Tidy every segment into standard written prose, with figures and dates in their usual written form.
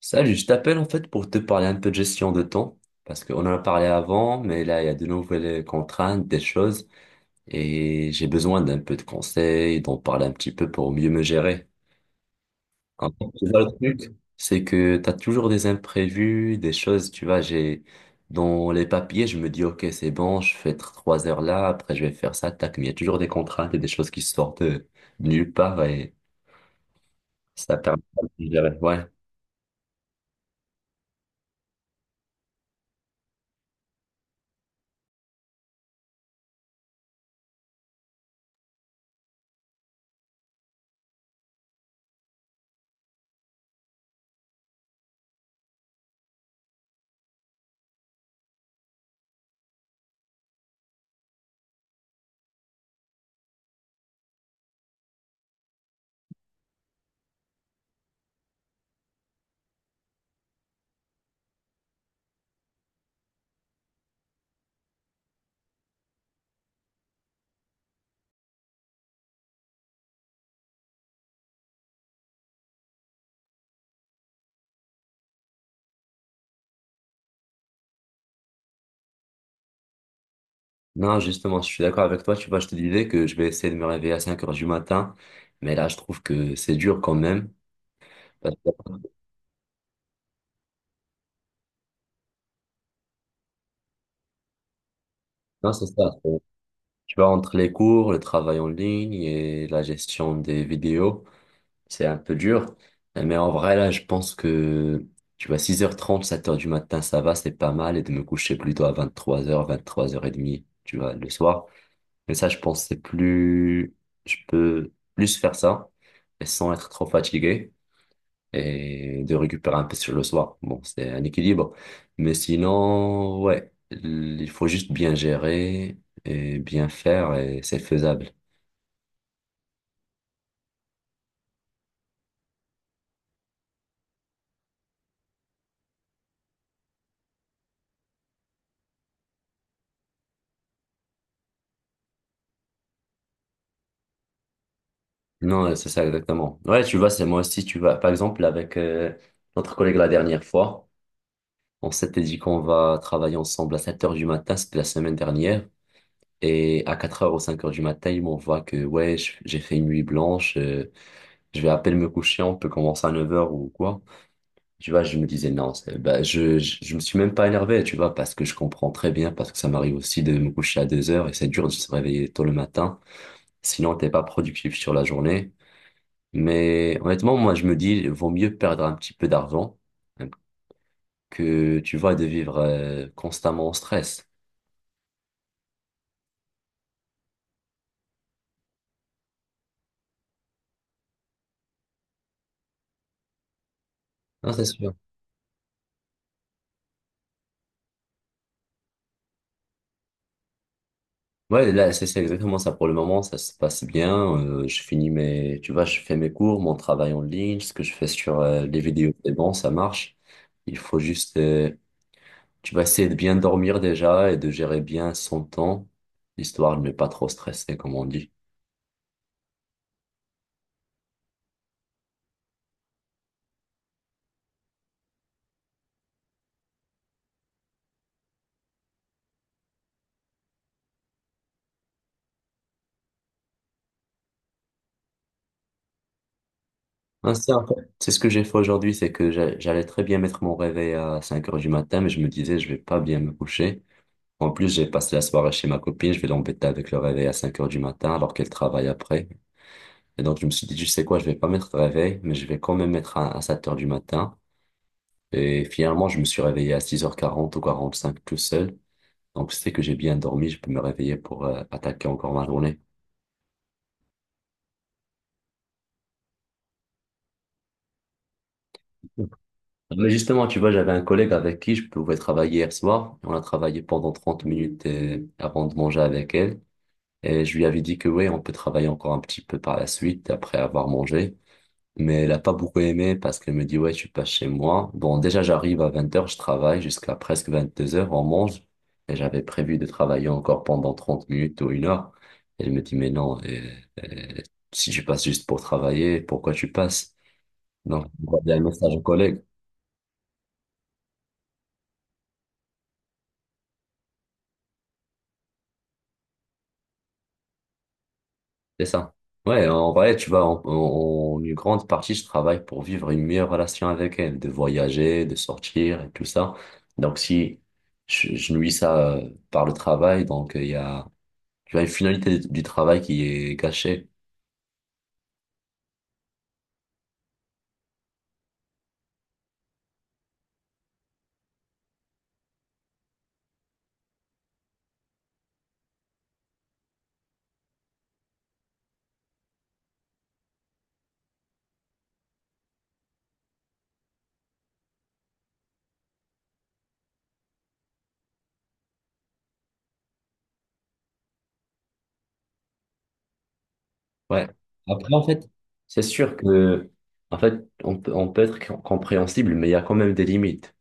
Salut, je t'appelle en fait pour te parler un peu de gestion de temps, parce qu'on en a parlé avant, mais là, il y a de nouvelles contraintes, des choses, et j'ai besoin d'un peu de conseils, d'en parler un petit peu pour mieux me gérer. En fait, tu vois, le truc, c'est que tu as toujours des imprévus, des choses, tu vois, j'ai dans les papiers, je me dis, ok, c'est bon, je fais 3 heures là, après je vais faire ça, tac, mais il y a toujours des contraintes et des choses qui sortent de nulle part, et ça permet pas de me gérer. Ouais. Non, justement, je suis d'accord avec toi. Tu vois, je te disais que je vais essayer de me réveiller à 5 heures du matin. Mais là, je trouve que c'est dur quand même. Parce que- Non, c'est ça. Tu vois, entre les cours, le travail en ligne et la gestion des vidéos, c'est un peu dur. Mais en vrai, là, je pense que, tu vois, 6h30, 7 heures du matin, ça va, c'est pas mal. Et de me coucher plutôt à 23h, 23h30, tu vois, le soir. Mais ça, je pense, que c'est plus, je peux plus faire ça et sans être trop fatigué. Et de récupérer un peu sur le soir. Bon, c'est un équilibre. Mais sinon, ouais, il faut juste bien gérer et bien faire et c'est faisable. Non, c'est ça exactement. Ouais, tu vois, c'est moi aussi, tu vois. Par exemple, avec notre collègue la dernière fois, on s'était dit qu'on va travailler ensemble à 7 heures du matin, c'était la semaine dernière. Et à 4 heures ou 5 heures du matin, il m'envoie que, ouais, j'ai fait une nuit blanche, je vais à peine me coucher, on peut commencer à 9 heures ou quoi. Tu vois, je me disais non, bah, je me suis même pas énervé, tu vois, parce que je comprends très bien, parce que ça m'arrive aussi de me coucher à 2 heures et c'est dur de se réveiller tôt le matin. Sinon, t'es pas productif sur la journée. Mais honnêtement, moi, je me dis, vaut mieux perdre un petit peu d'argent, hein, que, tu vois, de vivre constamment en stress. Non, c'est sûr. Ouais, là, c'est exactement ça pour le moment, ça se passe bien. Je finis mes, tu vois, je fais mes cours, mon travail en ligne, ce que je fais sur les vidéos, c'est bon, ça marche. Il faut juste tu vas essayer de bien dormir déjà et de gérer bien son temps, histoire de ne pas trop stresser, comme on dit. Hein, c'est ce que j'ai fait aujourd'hui, c'est que j'allais très bien mettre mon réveil à 5 heures du matin, mais je me disais, je vais pas bien me coucher. En plus, j'ai passé la soirée chez ma copine, je vais l'embêter avec le réveil à 5 heures du matin alors qu'elle travaille après. Et donc, je me suis dit, tu sais quoi, je vais pas mettre de réveil, mais je vais quand même mettre un à 7 heures du matin. Et finalement, je me suis réveillé à 6h40 ou 45 tout seul. Donc, c'est que j'ai bien dormi, je peux me réveiller pour attaquer encore ma journée. Mais justement, tu vois, j'avais un collègue avec qui je pouvais travailler hier soir. On a travaillé pendant 30 minutes avant de manger avec elle. Et je lui avais dit que oui, on peut travailler encore un petit peu par la suite après avoir mangé. Mais elle a pas beaucoup aimé parce qu'elle me dit, ouais, tu passes chez moi. Bon, déjà, j'arrive à 20 heures, je travaille jusqu'à presque 22 heures, on mange. Et j'avais prévu de travailler encore pendant 30 minutes ou 1 heure. Elle me dit, mais non, euh, si tu passes juste pour travailler, pourquoi tu passes? Donc, on va un message au collègue. C'est ça. Ouais, en vrai, tu vois, en une grande partie, je travaille pour vivre une meilleure relation avec elle, de voyager, de sortir et tout ça. Donc, si je nuis ça par le travail, donc il y a, tu vois, une finalité du travail qui est gâchée. Ouais. Après, en fait, c'est sûr que, en fait, on peut être compréhensible, mais il y a quand même des limites.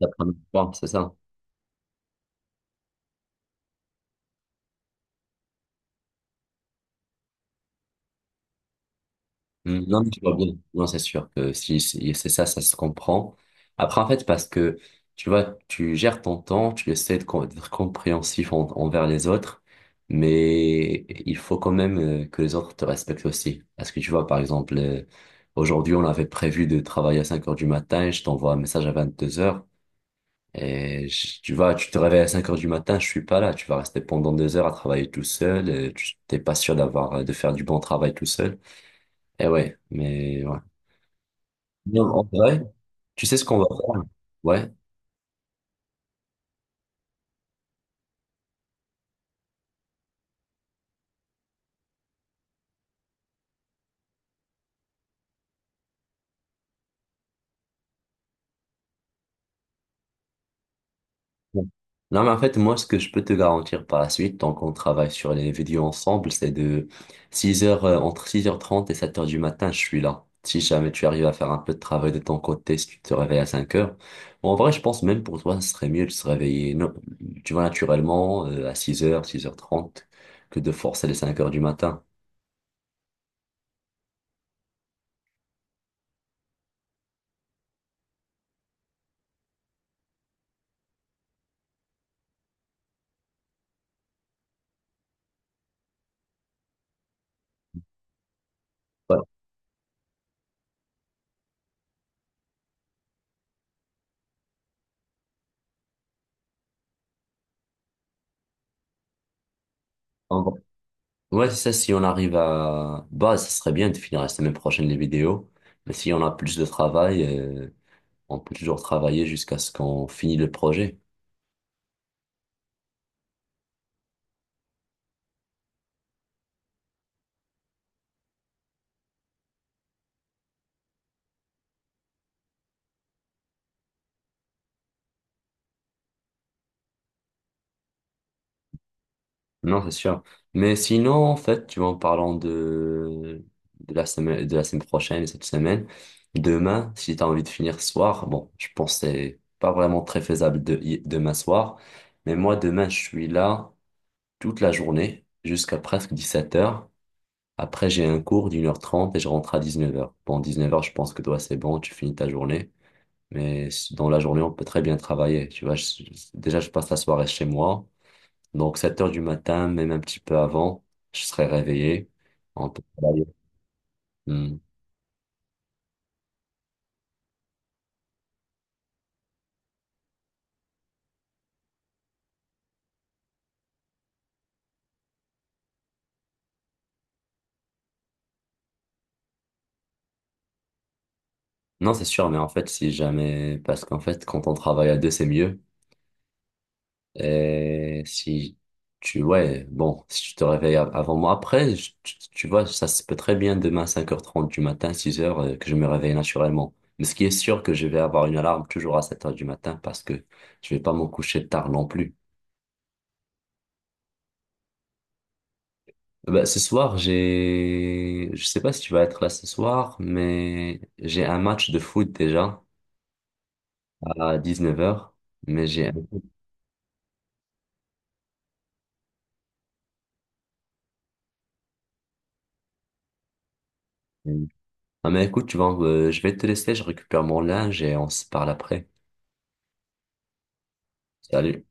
La première fois, c'est ça. Mm, non, mais tu vois bien. Non, c'est sûr que si c'est ça, ça se comprend. Après, en fait, parce que tu vois, tu gères ton temps, tu essaies de d'être compréhensif envers les autres, mais il faut quand même que les autres te respectent aussi. Parce que tu vois, par exemple, aujourd'hui, on avait prévu de travailler à 5 heures du matin, je t'envoie un message à 22 heures, et tu vois, tu te réveilles à 5 heures du matin, je suis pas là, tu vas rester pendant 2 heures à travailler tout seul, tu t'es pas sûr d'avoir, de faire du bon travail tout seul. Et ouais, mais ouais. Non, en vrai, tu sais ce qu'on va faire? Ouais. Non, mais en fait, moi, ce que je peux te garantir par la suite, tant qu'on travaille sur les vidéos ensemble, c'est de 6 heures, entre 6h30 et 7 heures du matin, je suis là. Si jamais tu arrives à faire un peu de travail de ton côté, si tu te réveilles à 5 heures, bon, en vrai, je pense même pour toi, ce serait mieux de se réveiller, non, tu vois, naturellement, à 6 heures, 6h30. Que de forcer les 5 heures du matin. Ouais, en vrai. Ouais, c'est ça, si on arrive à. Bah, ça serait bien de finir la semaine prochaine les vidéos, mais si on a plus de travail, on peut toujours travailler jusqu'à ce qu'on finisse le projet. Non, c'est sûr. Mais sinon, en fait, tu vois, en parlant de, la semaine, de la semaine prochaine et cette semaine, demain, si tu as envie de finir ce soir, bon, je pense que c'est pas vraiment très faisable de, demain soir, mais moi, demain, je suis là toute la journée jusqu'à presque 17 heures. Après, j'ai un cours d'1h30 et je rentre à 19 heures. Bon, 19 heures, je pense que toi, c'est bon, tu finis ta journée. Mais dans la journée, on peut très bien travailler. Tu vois, déjà, je passe la soirée chez moi. Donc 7 heures du matin, même un petit peu avant, je serai réveillé. On peut travailler. Hmm. Non, c'est sûr, mais en fait, si jamais, parce qu'en fait, quand on travaille à deux, c'est mieux. Et si tu, ouais, bon, si tu te réveilles avant moi, après, tu vois, ça se peut très bien demain, 5h30 du matin, 6 heures, que je me réveille naturellement. Mais ce qui est sûr, que je vais avoir une alarme toujours à 7 heures du matin parce que je vais pas me coucher tard non plus. Bah, ce soir, je sais pas si tu vas être là ce soir, mais j'ai un match de foot déjà à 19 heures. Mais j'ai, ah, mais écoute, tu vois, je vais te laisser, je récupère mon linge et on se parle après. Salut.